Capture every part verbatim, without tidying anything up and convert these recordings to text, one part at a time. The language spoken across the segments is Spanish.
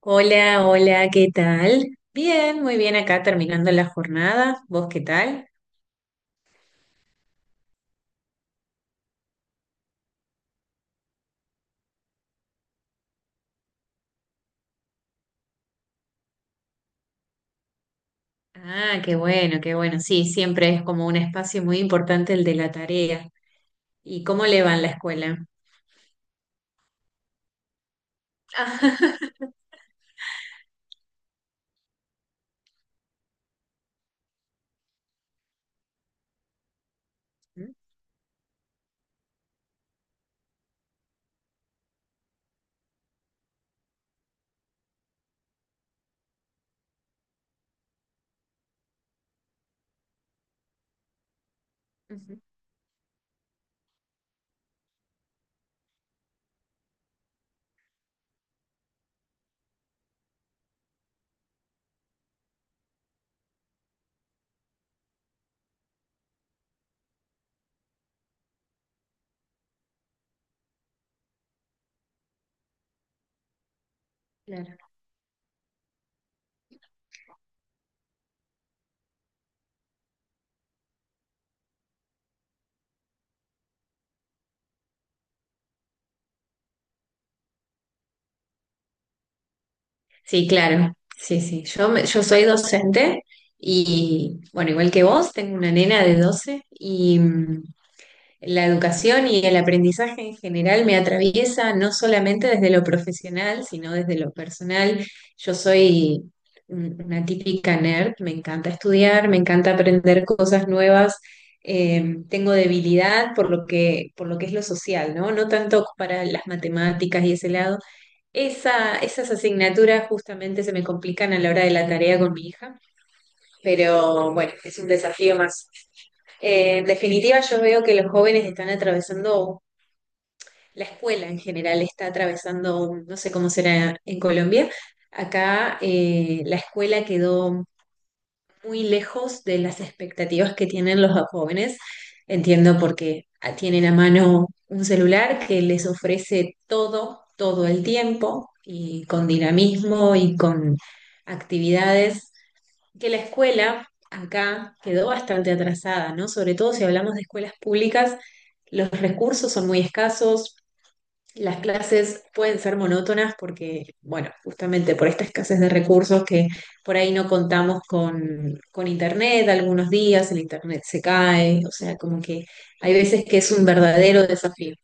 Hola, hola, ¿qué tal? Bien, muy bien acá terminando la jornada. ¿Vos qué tal? Ah, qué bueno, qué bueno. Sí, siempre es como un espacio muy importante el de la tarea. ¿Y cómo le va en la escuela? Mm. Ujú. Claro. Sí, claro. Sí, sí. Yo, me- yo soy docente y, bueno, igual que vos, tengo una nena de doce y, mm, La educación y el aprendizaje en general me atraviesa no solamente desde lo profesional, sino desde lo personal. Yo soy un- una típica nerd, me encanta estudiar, me encanta aprender cosas nuevas. Eh, tengo debilidad por lo que, por lo que es lo social, ¿no? No tanto para las matemáticas y ese lado. Esa, esas asignaturas justamente se me complican a la hora de la tarea con mi hija, pero bueno, es un desafío más. Eh, en definitiva, yo veo que los jóvenes están atravesando, la escuela en general está atravesando, no sé cómo será en Colombia. Acá eh, la escuela quedó muy lejos de las expectativas que tienen los jóvenes. Entiendo porque tienen a mano un celular que les ofrece todo, todo el tiempo, y con dinamismo y con actividades, que la escuela acá quedó bastante atrasada, ¿no? Sobre todo si hablamos de escuelas públicas, los recursos son muy escasos, las clases pueden ser monótonas porque, bueno, justamente por esta escasez de recursos que por ahí no contamos con, con internet, algunos días el internet se cae, o sea, como que hay veces que es un verdadero desafío.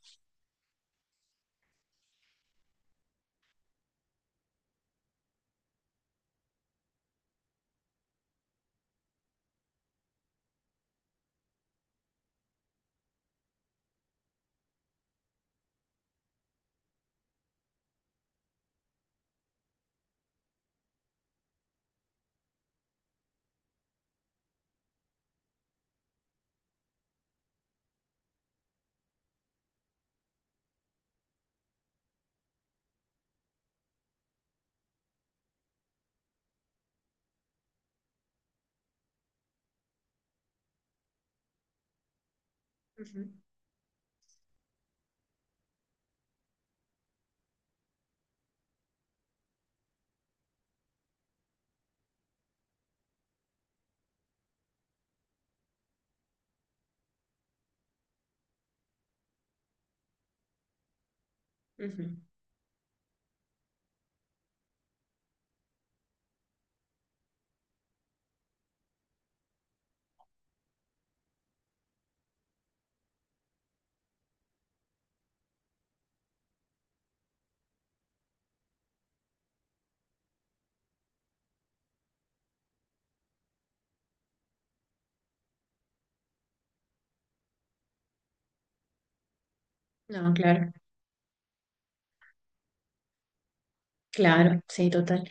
Ujú, ujú. No, claro, claro, sí, total.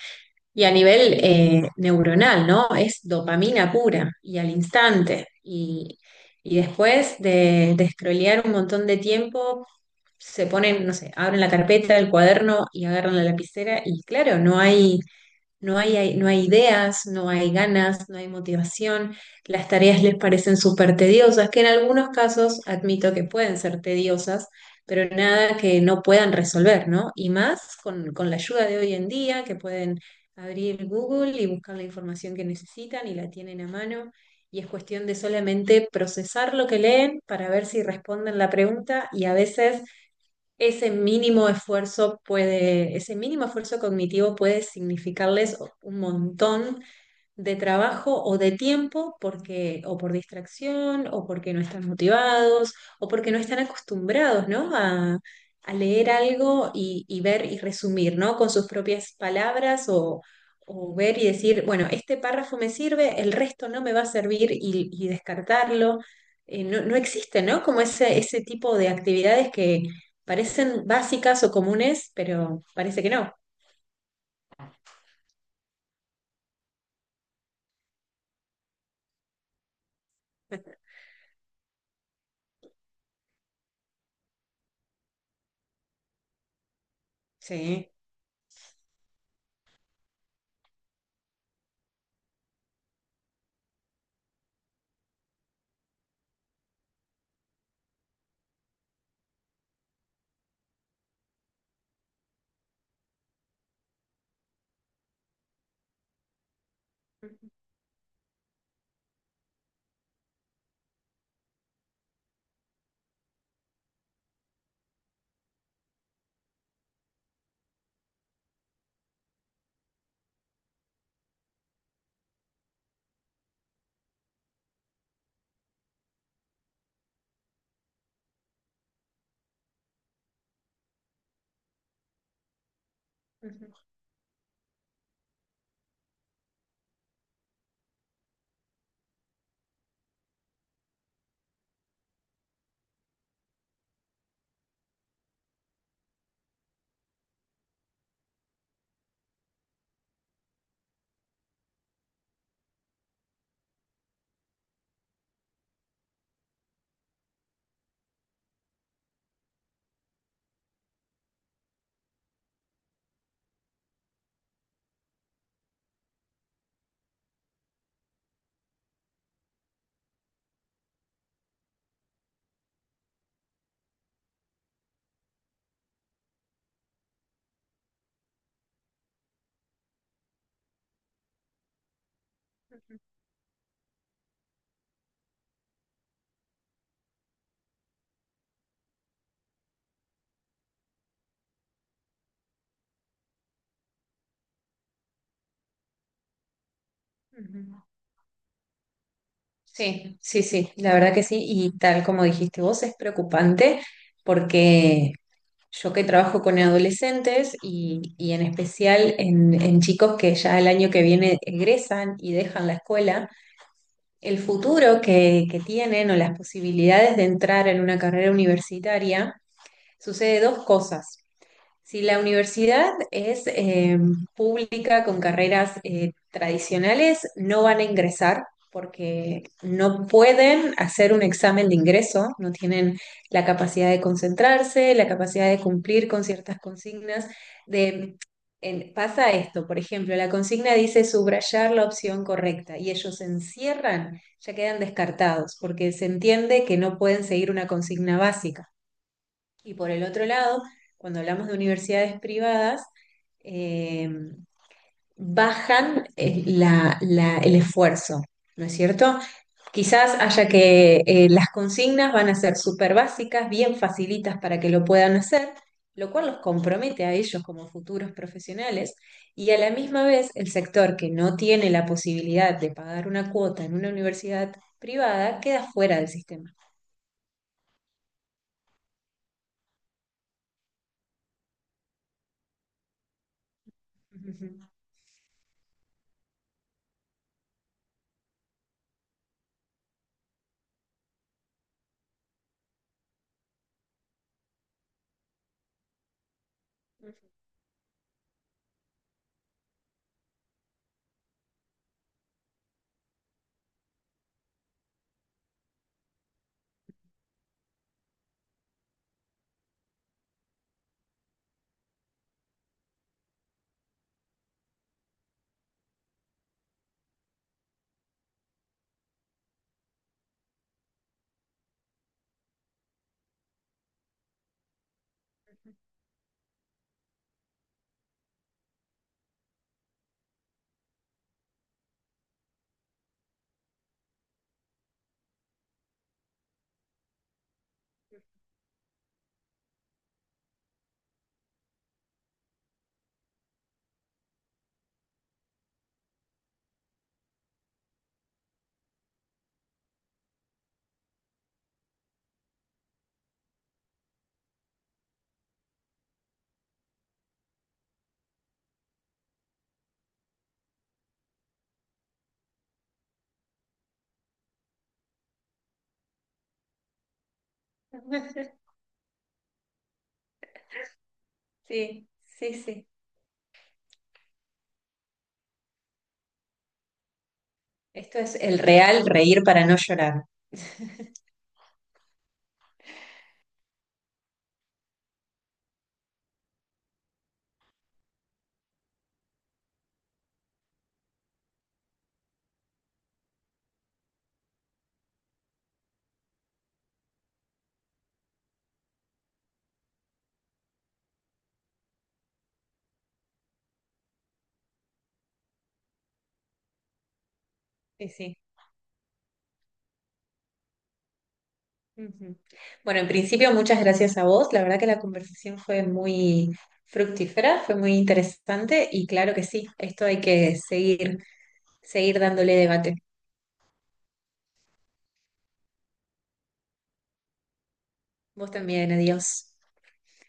Y a nivel eh, neuronal, ¿no? Es dopamina pura y al instante. Y, y después de, de scrollear un montón de tiempo, se ponen, no sé, abren la carpeta, el cuaderno y agarran la lapicera y claro, no hay, no hay, no hay ideas, no hay ganas, no hay motivación, las tareas les parecen súper tediosas, que en algunos casos admito que pueden ser tediosas, pero nada que no puedan resolver, ¿no? Y más con, con la ayuda de hoy en día, que pueden abrir Google y buscar la información que necesitan y la tienen a mano, y es cuestión de solamente procesar lo que leen para ver si responden la pregunta, y a veces ese mínimo esfuerzo puede, ese mínimo esfuerzo cognitivo puede significarles un montón de trabajo o de tiempo porque, o por distracción o porque no están motivados o porque no están acostumbrados, ¿no? A, a leer algo y, y ver y resumir, ¿no? Con sus propias palabras, o, o ver y decir, bueno, este párrafo me sirve, el resto no me va a servir, y, y descartarlo. Eh, no, no existe, ¿no? Como ese, ese tipo de actividades que parecen básicas o comunes, pero parece que no. Sí. Ujú, ujú, ujú. Sí, sí, sí, la verdad que sí. Y tal como dijiste vos, es preocupante porque yo que trabajo con adolescentes, y, y en especial en, en chicos que ya el año que viene egresan y dejan la escuela, el futuro que, que tienen o las posibilidades de entrar en una carrera universitaria, sucede dos cosas. Si la universidad es eh, pública con carreras eh, tradicionales, no van a ingresar porque no pueden hacer un examen de ingreso, no tienen la capacidad de concentrarse, la capacidad de cumplir con ciertas consignas. De, en- Pasa esto, por ejemplo, la consigna dice subrayar la opción correcta y ellos se encierran, ya quedan descartados porque se entiende que no pueden seguir una consigna básica. Y por el otro lado, cuando hablamos de universidades privadas, eh, bajan eh, la- la- el esfuerzo, ¿no es cierto? Quizás haya que eh, las consignas van a ser súper básicas, bien facilitas para que lo puedan hacer, lo cual los compromete a ellos como futuros profesionales, y a la misma vez el sector que no tiene la posibilidad de pagar una cuota en una universidad privada queda fuera del sistema. Sí, sí, sí. Esto es el real reír para no llorar. Sí, sí. Ujú. Bueno, en principio, muchas gracias a vos. La verdad que la conversación fue muy fructífera, fue muy interesante, y claro que sí, esto hay que seguir, seguir, dándole debate. Vos también, adiós.